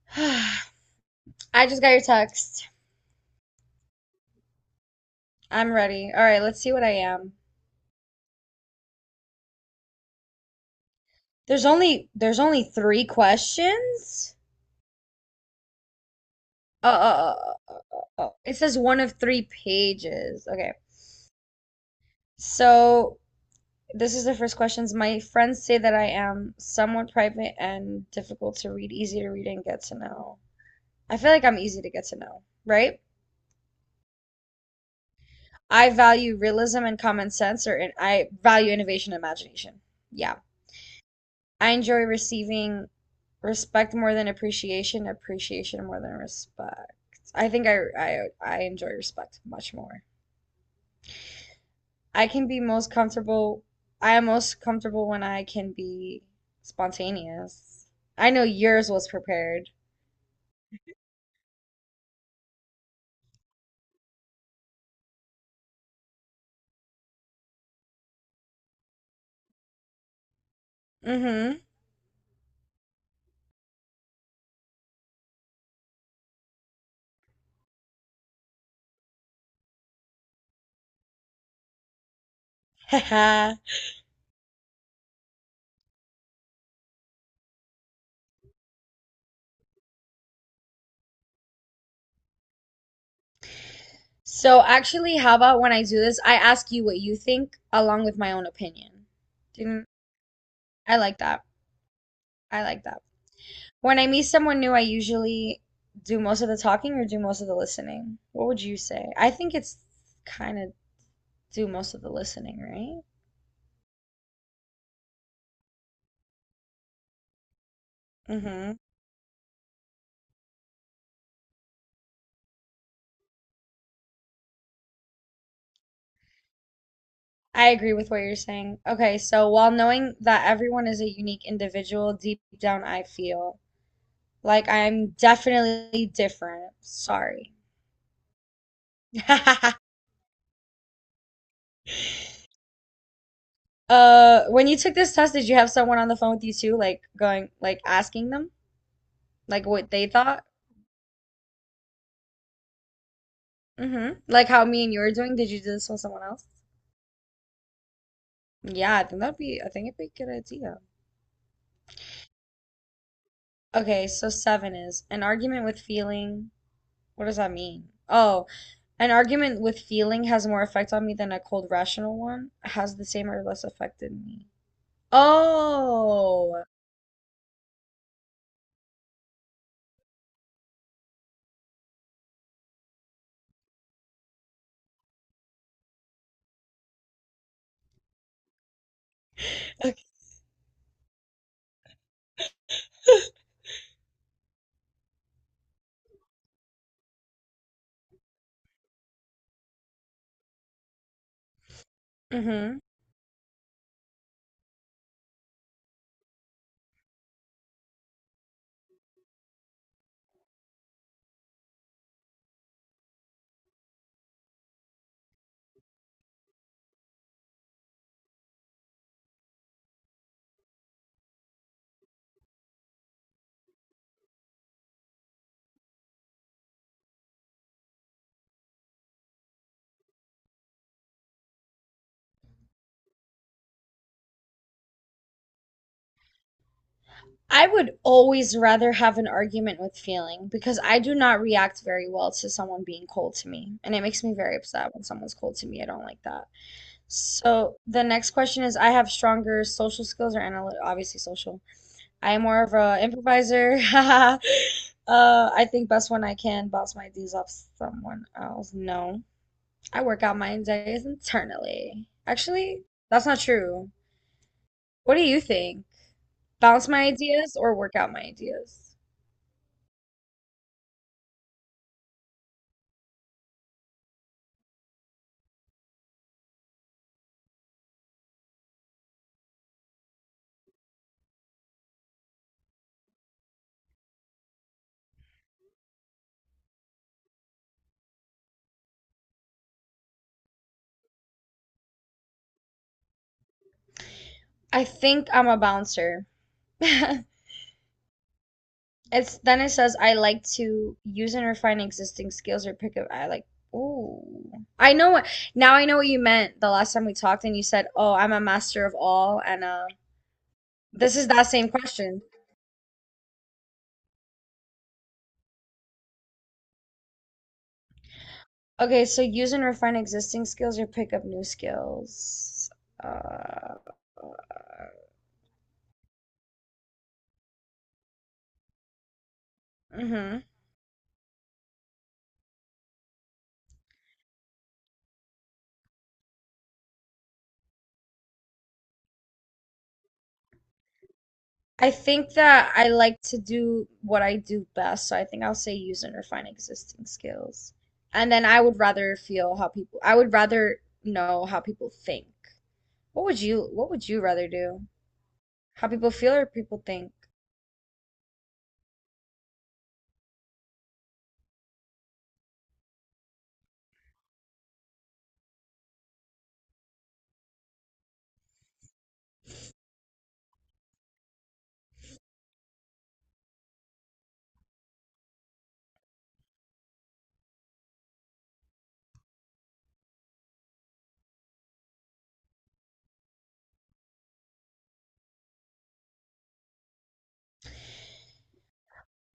I just got your text. I'm ready. All right, let's see what I am. There's only three questions? Uh, uh, it says one of three pages. Okay. So this is the first questions. My friends say that I am somewhat private and difficult to read, easy to read and get to know. I feel like I'm easy to get to know, right? I value realism and common sense, I value innovation and imagination. Yeah. I enjoy receiving respect more than appreciation, appreciation more than respect. I think I enjoy respect much more. I can be most comfortable I am most comfortable when I can be spontaneous. I know yours was prepared. Mm-hmm. Haha. So actually, how about when I do this, I ask you what you think along with my own opinion. Didn't I like that? I like that. When I meet someone new, I usually do most of the talking or do most of the listening. What would you say? I think it's kind of do most of the listening, right? Mm-hmm. I agree with what you're saying. Okay, so while knowing that everyone is a unique individual, deep down I feel like I'm definitely different. Sorry. When you took this test, did you have someone on the phone with you too, like going, like asking them, like what they thought? Mm-hmm. Like how me and you were doing? Did you do this with someone else? Yeah, I think it'd be a good idea. Okay, so seven is an argument with feeling. What does that mean? Oh, an argument with feeling has more effect on me than a cold rational one. Has the same or less effect in me. Oh, okay. Hmm. I would always rather have an argument with feeling because I do not react very well to someone being cold to me. And it makes me very upset when someone's cold to me. I don't like that. So the next question is I have stronger social skills or analytical, obviously social. I'm more of a improviser. I think best when I can bounce my ideas off someone else. No, I work out my ideas internally. Actually, that's not true. What do you think? Bounce my ideas or work out my ideas? I think I'm a bouncer. It's then it says I like to use and refine existing skills or pick up. I like. Ooh, I know what now. I know what you meant the last time we talked, and you said, "Oh, I'm a master of all," and this is that same question. Okay, so use and refine existing skills or pick up new skills. Uh, hmm I think that I like to do what I do best, so I think I'll say use and refine existing skills. And then I would rather know how people think. What would you rather do? How people feel or people think?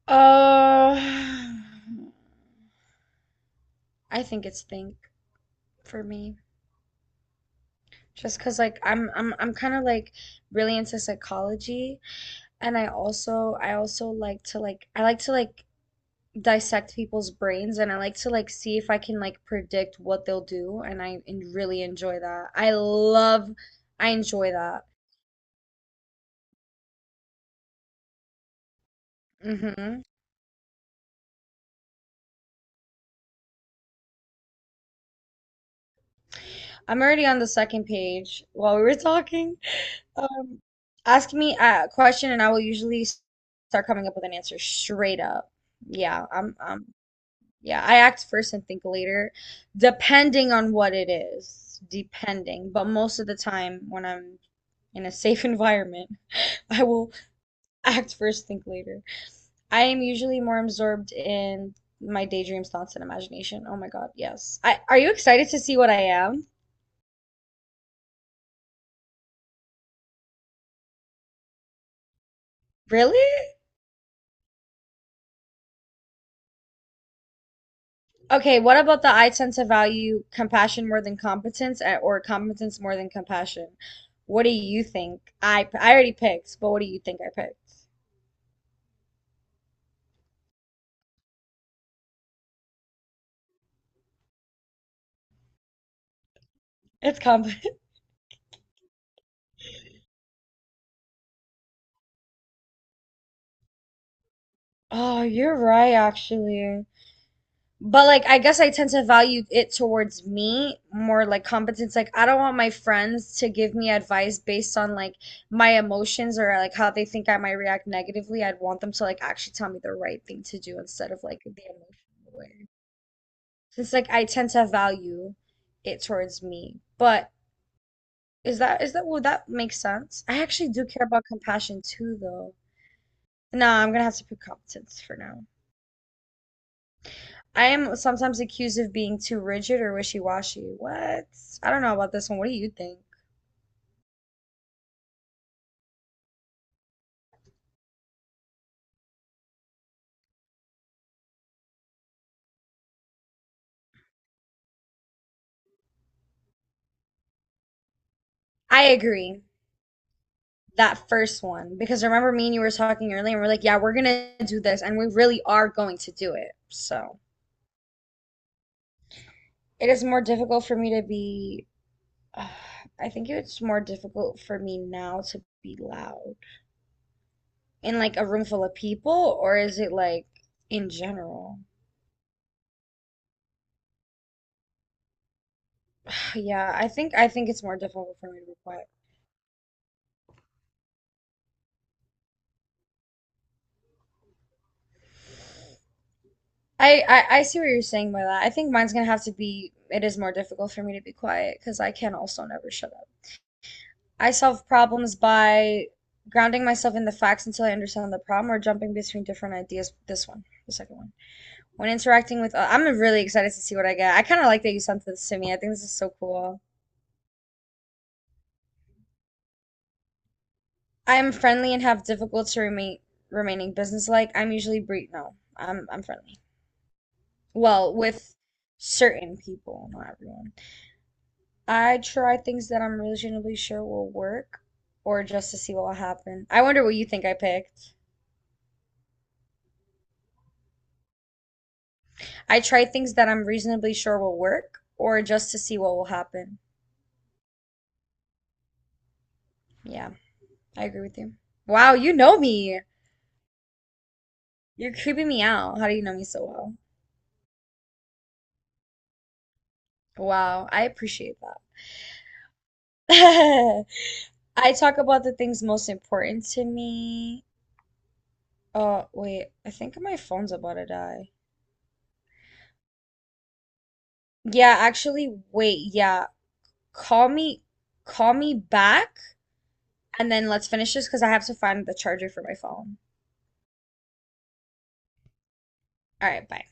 Uh, I think it's think for me. Just cause like I'm kind of like really into psychology and I also like to like I like to like dissect people's brains and I like to like see if I can like predict what they'll do and really enjoy that. I love I enjoy that. Hmm. I'm already on the second page while we were talking. Um, ask me a question and I will start coming up with an answer straight up. Yeah, I'm yeah, I act first and think later, depending on what it is. Depending. But most of the time, when I'm in a safe environment, I will act first, think later. I am usually more absorbed in my daydreams, thoughts, and imagination. Oh my God, yes. I, are you excited to see what I am? Really? Okay, what about the I tend to value compassion more than competence or competence more than compassion? What do you think? I already picked, but what do you think I picked? It's competence. Oh, you're right, actually. But like, I guess I tend to value it towards me more like competence. Like, I don't want my friends to give me advice based on like my emotions or like how they think I might react negatively. I'd want them to like actually tell me the right thing to do instead of like the emotional way. Since like I tend to value it towards me. But is that would that make sense? I actually do care about compassion too, though. No, I'm gonna have to pick competence for now. I am sometimes accused of being too rigid or wishy-washy. What? I don't know about this one. What do you think? I agree. That first one, because remember me and you were talking earlier, and we're like, yeah, we're gonna do this, and we really are going to do it. So it is more difficult for me to be. Uh, I think it's more difficult for me now to be loud in like a room full of people, or is it like in general? Yeah, I think it's more difficult for me to be quiet. I see what you're saying by that. I think mine's gonna have to be it is more difficult for me to be quiet because I can also never shut up. I solve problems by grounding myself in the facts until I understand the problem or jumping between different ideas. This one, the second one. I'm really excited to see what I get. I kind of like that you sent this to me. I think this is so cool. I am friendly and have difficulty remaining businesslike. I'm usually bre no, I'm friendly. Well, with certain people, not everyone. I try things that I'm reasonably sure will work or just to see what will happen. I wonder what you think I picked. I try things that I'm reasonably sure will work or just to see what will happen. Yeah, I agree with you. Wow, you know me. You're creeping me out. How do you know me so well? Wow, I appreciate that. I talk about the things most important to me. Oh, wait, I think my phone's about to die. Yeah, actually, wait, yeah. Call me call me back and then let's finish this because I have to find the charger for my phone. All right, bye.